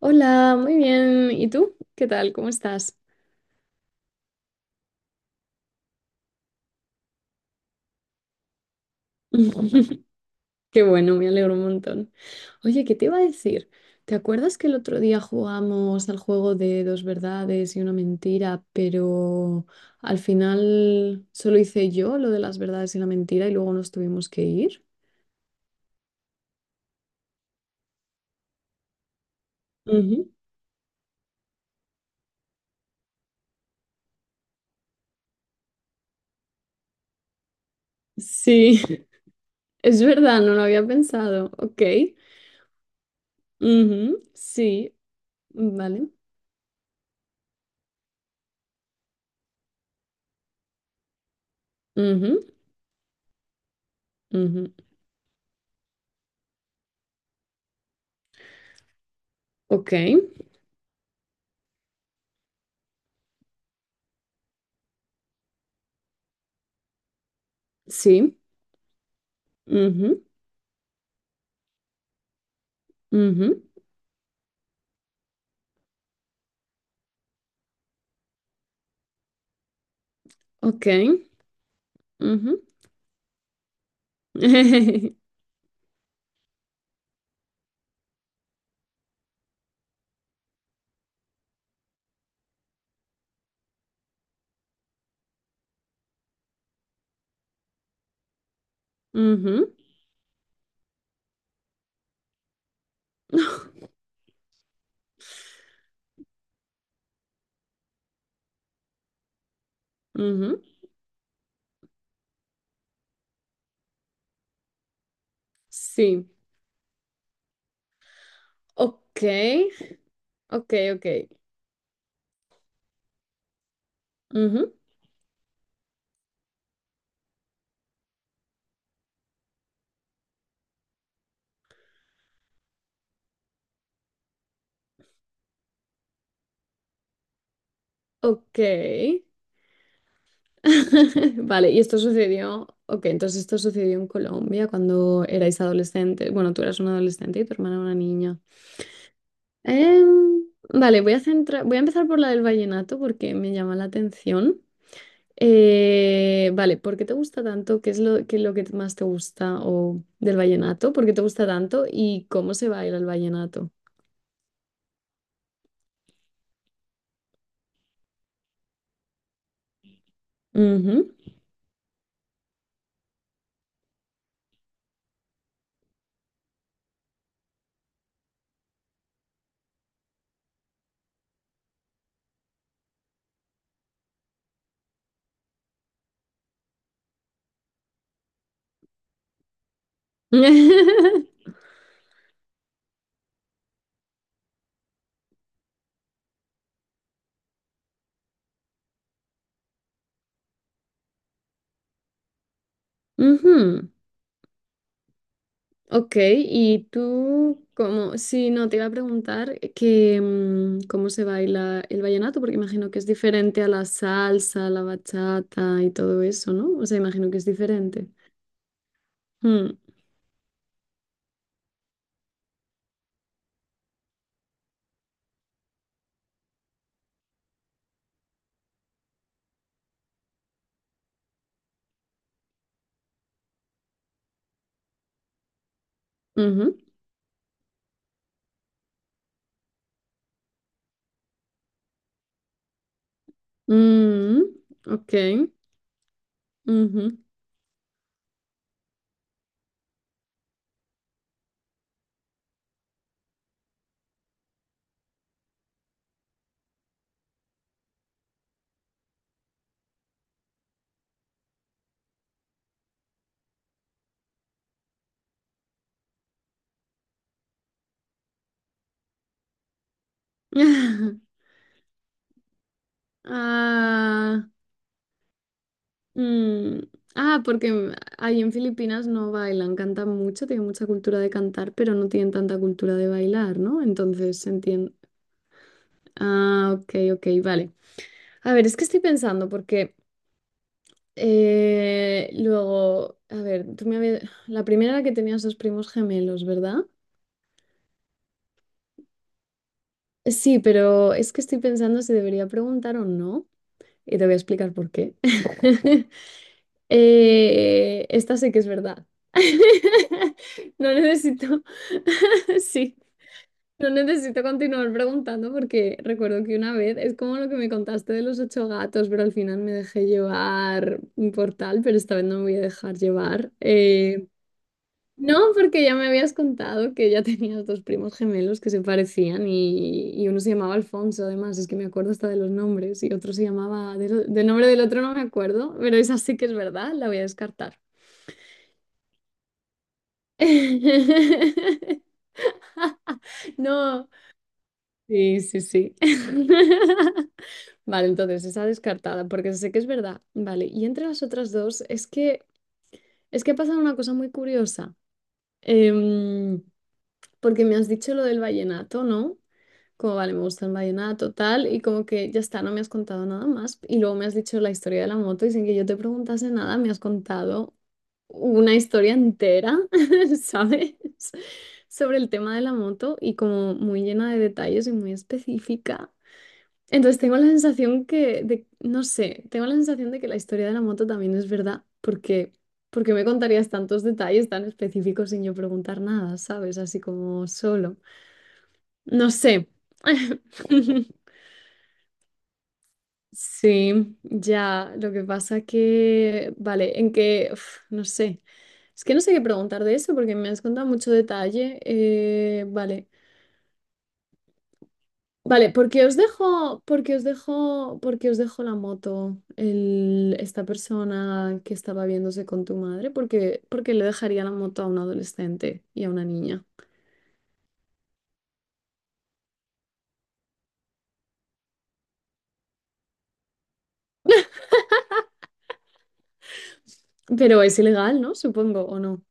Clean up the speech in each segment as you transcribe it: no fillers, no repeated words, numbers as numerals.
Hola, muy bien. ¿Y tú? ¿Qué tal? ¿Cómo estás? Qué bueno, me alegro un montón. Oye, ¿qué te iba a decir? ¿Te acuerdas que el otro día jugamos al juego de dos verdades y una mentira, pero al final solo hice yo lo de las verdades y la mentira y luego nos tuvimos que ir? Ujú. Sí, es verdad, no lo había pensado. Ok. Ujú, sí, vale. Ujú, ujú. Ok, sí. Ujú, ujú. Ok. Ujú. Ujú. Ujú. Sí. Ok. Ok, ok. Ujú. Ok. Vale, y esto sucedió. Ok, entonces esto sucedió en Colombia cuando erais adolescentes. Bueno, tú eras una adolescente y tu hermana una niña. Em, vale, voy a empezar por la del vallenato porque me llama la atención. Vale, ¿por qué te gusta tanto? ¿Qué es lo que más te gusta o del vallenato? ¿Por qué te gusta tanto? ¿Y cómo se baila el vallenato? Ujú. Ujú. Ok, y tú, como, si no, te iba a preguntar que cómo se baila el vallenato, porque imagino que es diferente a la salsa, la bachata y todo eso, ¿no? O sea, imagino que es diferente. Mm, ujú. Mm, ok. Ujú. Ah, mm, ah, porque ahí en Filipinas no bailan, cantan mucho, tienen mucha cultura de cantar, pero no tienen tanta cultura de bailar, ¿no? Entonces se entiende. Ah, ok, ok, vale. A ver, es que estoy pensando, porque luego, a ver, La primera era que tenías dos primos gemelos, ¿verdad? Sí, pero es que estoy pensando si debería preguntar o no, y te voy a explicar por qué. Esta sé que es verdad. No necesito, sí, no necesito continuar preguntando porque recuerdo que una vez, es como lo que me contaste de los ocho gatos, pero al final me dejé llevar por tal, pero esta vez no me voy a dejar llevar. No, porque ya me habías contado que ya tenías dos primos gemelos que se parecían y uno se llamaba Alfonso, además, es que me acuerdo hasta de los nombres y otro se llamaba, del nombre del otro no me acuerdo, pero esa sí que es verdad, la voy a descartar. No, sí, sí, sí. Vale, entonces esa descartada, porque sé que es verdad. Vale, y entre las otras dos, es que ha pasado una cosa muy curiosa. Em, porque me has dicho lo del vallenato, ¿no? Como vale, me gusta el vallenato, tal, y como que ya está, no me has contado nada más. Y luego me has dicho la historia de la moto y sin que yo te preguntase nada, me has contado una historia entera, ¿sabes? Sobre el tema de la moto y como muy llena de detalles y muy específica. Entonces tengo la sensación que, de, no sé, tengo la sensación de que la historia de la moto también es verdad, porque, me contarías tantos detalles tan específicos sin yo preguntar nada, ¿sabes? Así como solo. No sé. Sí, ya, lo que pasa que, vale, en que, uf, no sé, es que no sé qué preguntar de eso porque me has contado mucho detalle, vale, vale, porque os dejo, porque os dejo, porque os dejo la moto, el, esta persona que estaba viéndose con tu madre, porque le dejaría la moto a un adolescente y a una niña, pero es ilegal, ¿no? Supongo, ¿o no?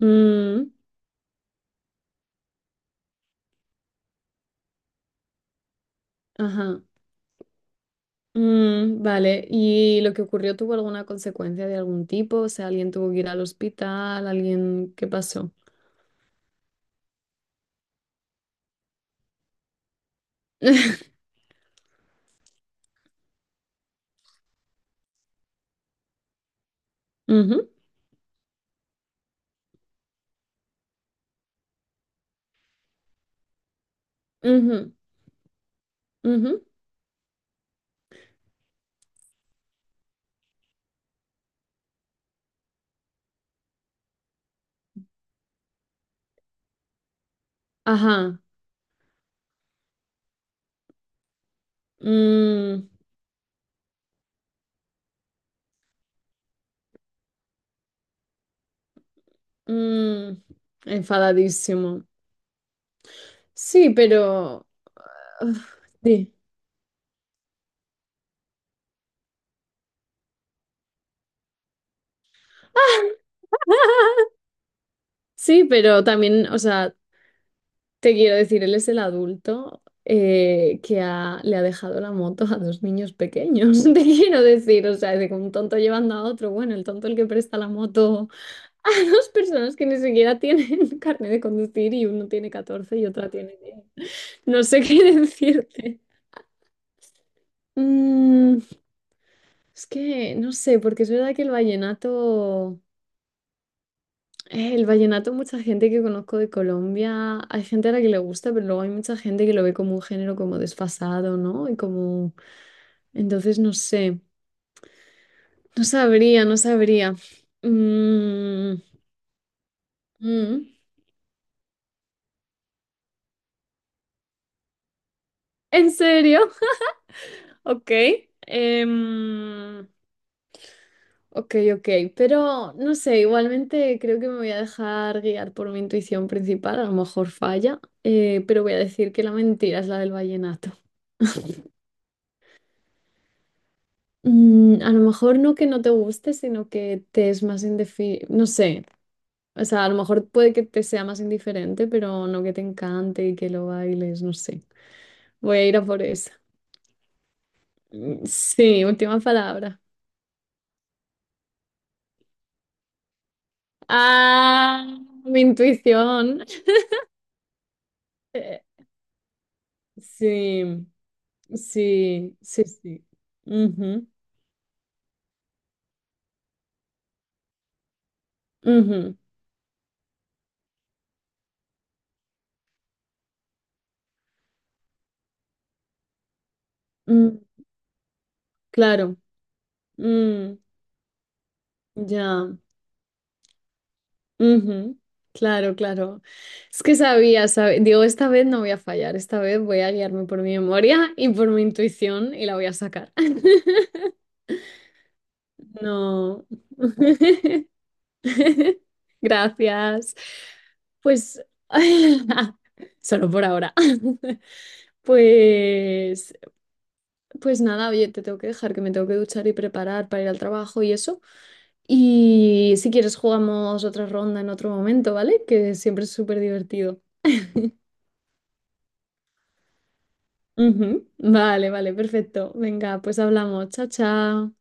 Mm, ajá. Mm, vale, ¿y lo que ocurrió tuvo alguna consecuencia de algún tipo? O sea, alguien tuvo que ir al hospital, alguien, ¿qué pasó? Ujú, ujú, ujú. Ajá. Mm, mm. Enfadadísimo. Sí, uf, sí. Sí, pero también, o sea, te quiero decir, él es el adulto que le ha dejado la moto a dos niños pequeños. Te quiero decir, o sea, de que un tonto llevando a otro, bueno, el tonto el que presta la moto a dos personas que ni siquiera tienen carnet de conducir y uno tiene 14 y otra tiene 10. No sé qué decirte. Mm, es que no sé, porque es verdad que el vallenato, mucha gente que conozco de Colombia, hay gente a la que le gusta, pero luego hay mucha gente que lo ve como un género como desfasado, ¿no? Y como, entonces no sé, no sabría, no sabría. Mm, mm. ¿En serio? Ok. Em, ok, ok, pero no sé, igualmente creo que me voy a dejar guiar por mi intuición principal, a lo mejor falla, pero voy a decir que la mentira es la del vallenato. Mm, a lo mejor no que no te guste, sino que te es más indiferente, no sé, o sea, a lo mejor puede que te sea más indiferente, pero no que te encante y que lo bailes, no sé. Voy a ir a por eso. Mm, sí, última palabra. Ah, mi intuición. Eh, sí. Sí, sí, sí. Ujú, ujú, mm, claro. mm, ya. Ujú, claro, claro. Es que sabía, sabía. Digo, esta vez no voy a fallar. Esta vez voy a guiarme por mi memoria y por mi intuición y la voy a sacar. No. Gracias. Pues solo por ahora. Pues, pues nada, oye, te tengo que dejar que me tengo que duchar y preparar para ir al trabajo y eso. Y si quieres jugamos otra ronda en otro momento, ¿vale? Que siempre es súper divertido. Ujú. Vale, vale, perfecto. Venga, pues hablamos. Chao, chao.